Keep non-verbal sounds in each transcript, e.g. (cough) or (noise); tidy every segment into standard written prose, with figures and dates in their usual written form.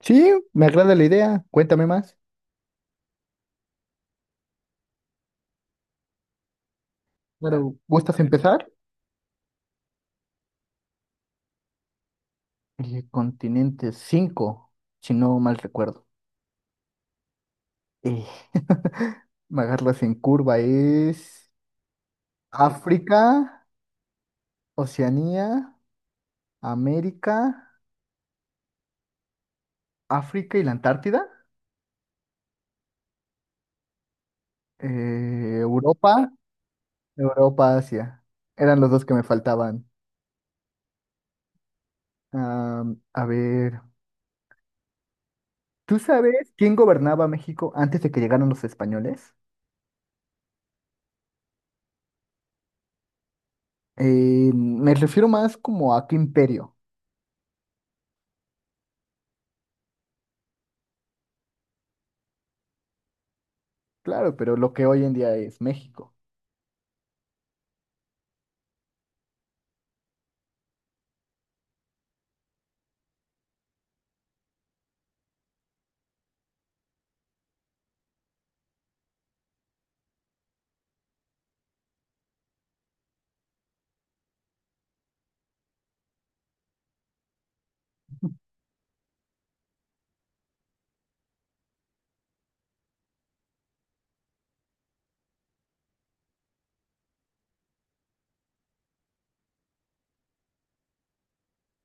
Sí, me agrada la idea. Cuéntame más. Claro, ¿gustas? Bueno, empezar. El continente 5, si no mal recuerdo. Eh, (laughs) me agarras en curva. Es África, Oceanía, América, África y la Antártida. Europa, Europa, Asia. Eran los dos que me faltaban. A ver, ¿tú sabes quién gobernaba México antes de que llegaran los españoles? Me refiero más como a qué imperio. Claro, pero lo que hoy en día es México.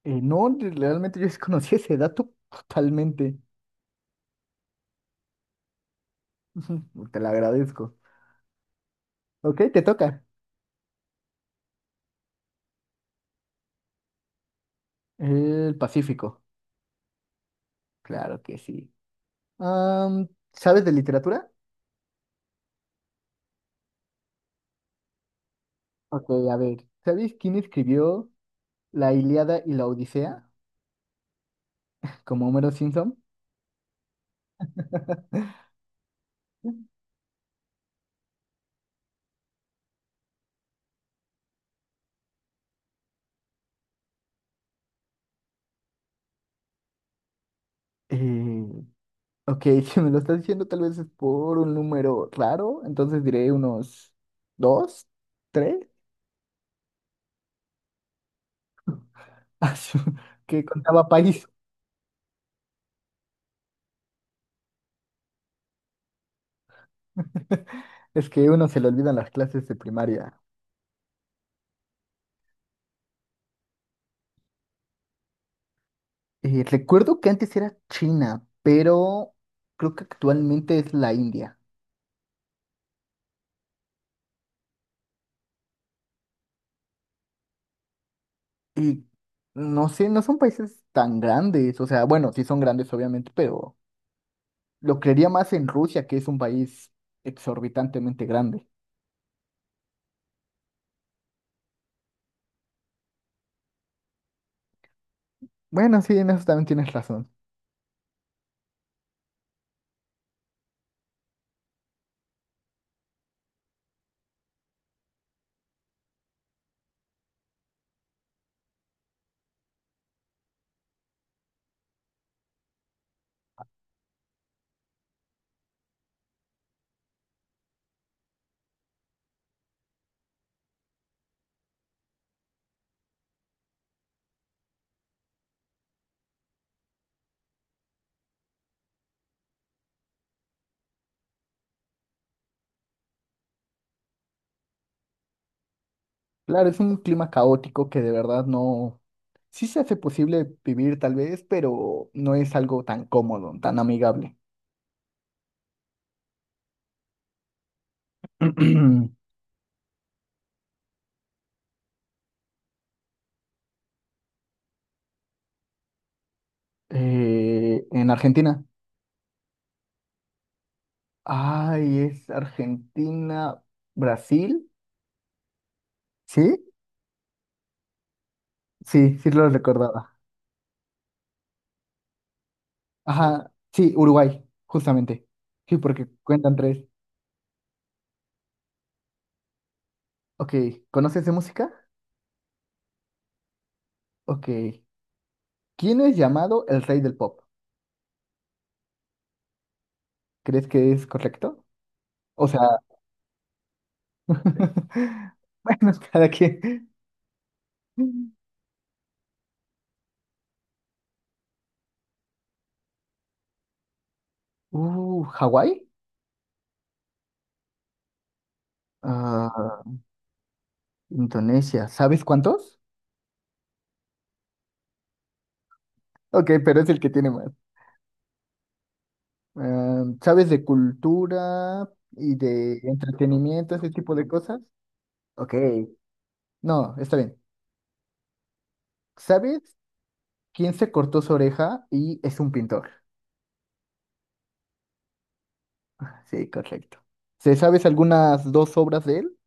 No, realmente yo desconocí (laughs) ese dato totalmente. (laughs) Te lo agradezco. Ok, te toca. El Pacífico. Claro que sí. Am, ¿Sabes de literatura? Ok, a ver. ¿Sabes quién escribió La Ilíada y la Odisea? Como Homero Simpson. Eh, ok, (laughs) si me lo estás diciendo tal vez es por un número raro, entonces diré unos dos, tres, (laughs) Ah, que contaba países. (laughs) Es que uno se le olvidan las clases de primaria. Recuerdo que antes era China, pero creo que actualmente es la India. Y no sé, no son países tan grandes. O sea, bueno, sí son grandes, obviamente, pero lo creería más en Rusia, que es un país exorbitantemente grande. Bueno, sí, en eso también tienes razón. Claro, es un clima caótico que de verdad no... Sí se hace posible vivir tal vez, pero no es algo tan cómodo, tan amigable. (clears throat) En Argentina. Ay, es Argentina, Brasil. ¿Sí? Sí, sí lo recordaba. Ajá, sí, Uruguay, justamente. Sí, porque cuentan tres. Ok, ¿conoces de música? Ok. ¿Quién es llamado el rey del pop? ¿Crees que es correcto? O sea, (laughs) bueno, cada quien. ¿Hawái? Ah, Indonesia. ¿Sabes cuántos? Ok, pero es el que tiene más. Ah, ¿sabes de cultura y de entretenimiento, ese tipo de cosas? Ok. No, está bien. ¿Sabes quién se cortó su oreja y es un pintor? Sí, correcto. ¿Se sabes algunas dos obras de él?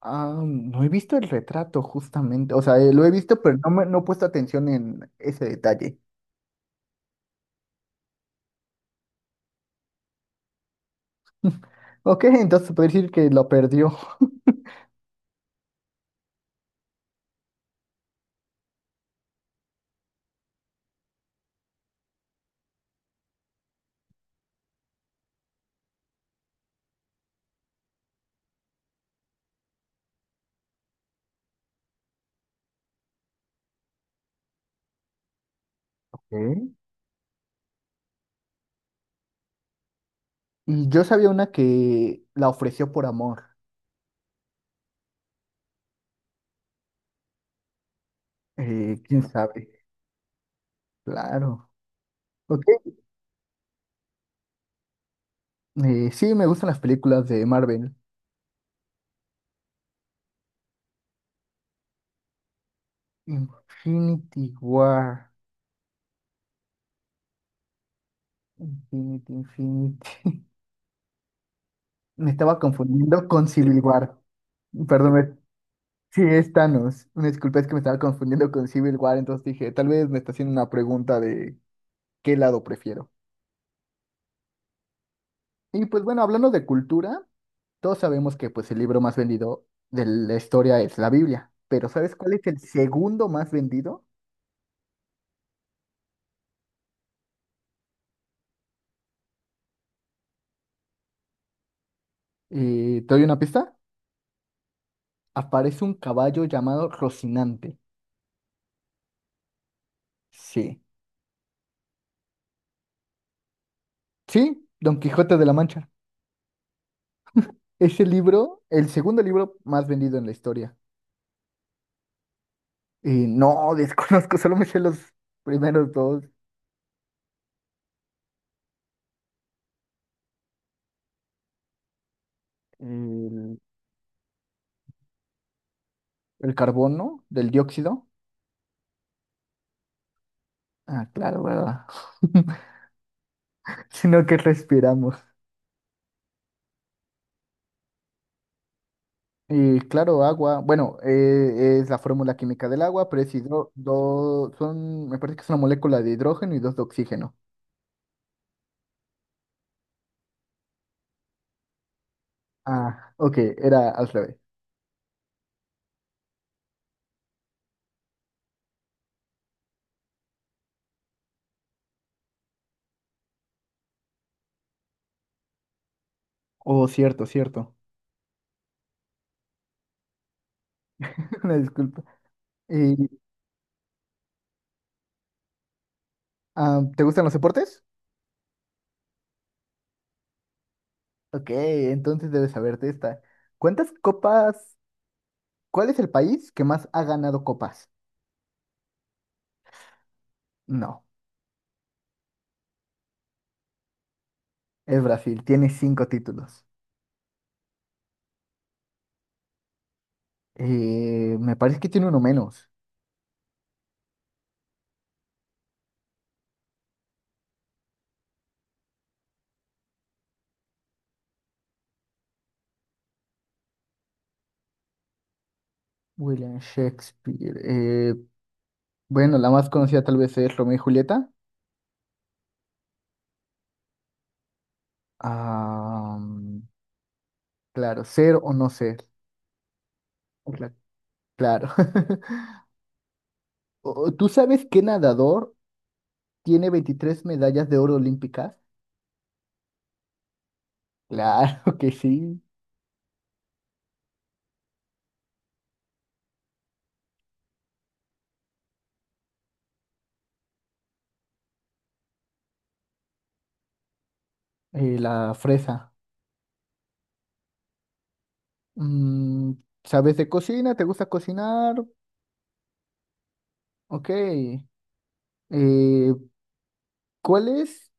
Ah, no he visto el retrato justamente. O sea, lo he visto, pero no, me, no he puesto atención en ese detalle. (laughs) Ok, entonces se puede decir que lo perdió. Ok. Y yo sabía una que la ofreció por amor. ¿Quién sabe? Claro. Ok, sí, me gustan las películas de Marvel. Infinity War. Infinity, Infinity. (laughs) Me estaba confundiendo con Civil War. Perdón, sí, es Thanos. Una disculpa, es que me estaba confundiendo con Civil War, entonces dije, tal vez me está haciendo una pregunta de qué lado prefiero. Y pues bueno, hablando de cultura, todos sabemos que pues el libro más vendido de la historia es la Biblia, pero ¿sabes cuál es el segundo más vendido? ¿Te doy una pista? Aparece un caballo llamado Rocinante. Sí, sí, Don Quijote de la Mancha. Ese libro, el segundo libro más vendido en la historia. Y no, desconozco, (laughs) solo me sé los primeros dos. El, el carbono del dióxido. Ah, claro, ¿verdad? (laughs) Sino que respiramos. Y claro, agua. Bueno, es la fórmula química del agua, pero es hidro, son, me parece que es una molécula de hidrógeno y dos de oxígeno. Ah, ok, era al revés. Oh, cierto, cierto. (laughs) Una disculpa. Ah, ¿te gustan los deportes? Ok, entonces debes saberte esta. ¿Cuántas copas? ¿Cuál es el país que más ha ganado copas? No, es Brasil, tiene 5 títulos. Me parece que tiene uno menos. William Shakespeare. Bueno, la más conocida tal vez es Romeo y Julieta. Ah, claro, ser o no ser. Cla- Claro. (laughs) ¿Tú sabes qué nadador tiene 23 medallas de oro olímpicas? Claro que sí. La fresa. Mm, ¿Sabes de cocina? ¿Te gusta cocinar? Ok. Eh, ¿Cuál es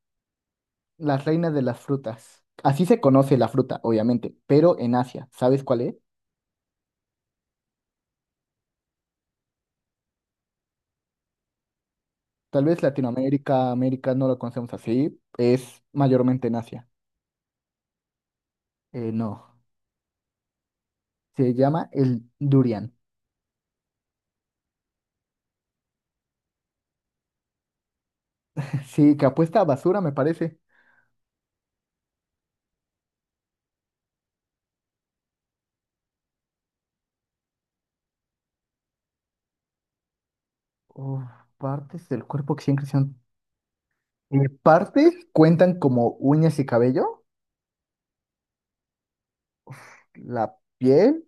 la reina de las frutas? Así se conoce la fruta, obviamente, pero en Asia, ¿sabes cuál es? Tal vez Latinoamérica, América no lo conocemos así, es mayormente en Asia. No, se llama el durian. (laughs) Sí, que apuesta a basura, me parece. Uf, partes del cuerpo que siempre son... partes cuentan como uñas y cabello, la piel,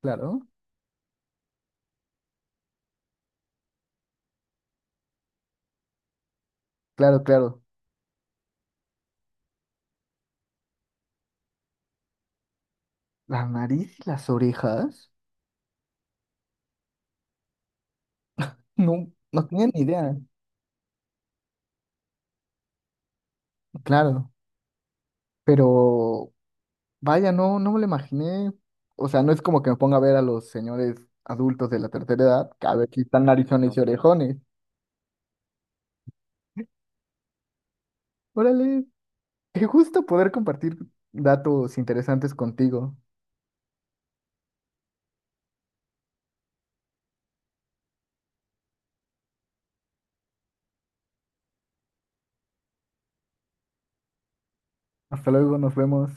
claro, claro, claro. La nariz y las orejas. No, no tenía ni idea, claro. Pero vaya, no, no me lo imaginé. O sea, no es como que me ponga a ver a los señores adultos de la tercera edad, que a ver si están narizones y No. orejones. Órale, qué gusto poder compartir datos interesantes contigo. Hasta luego, nos vemos.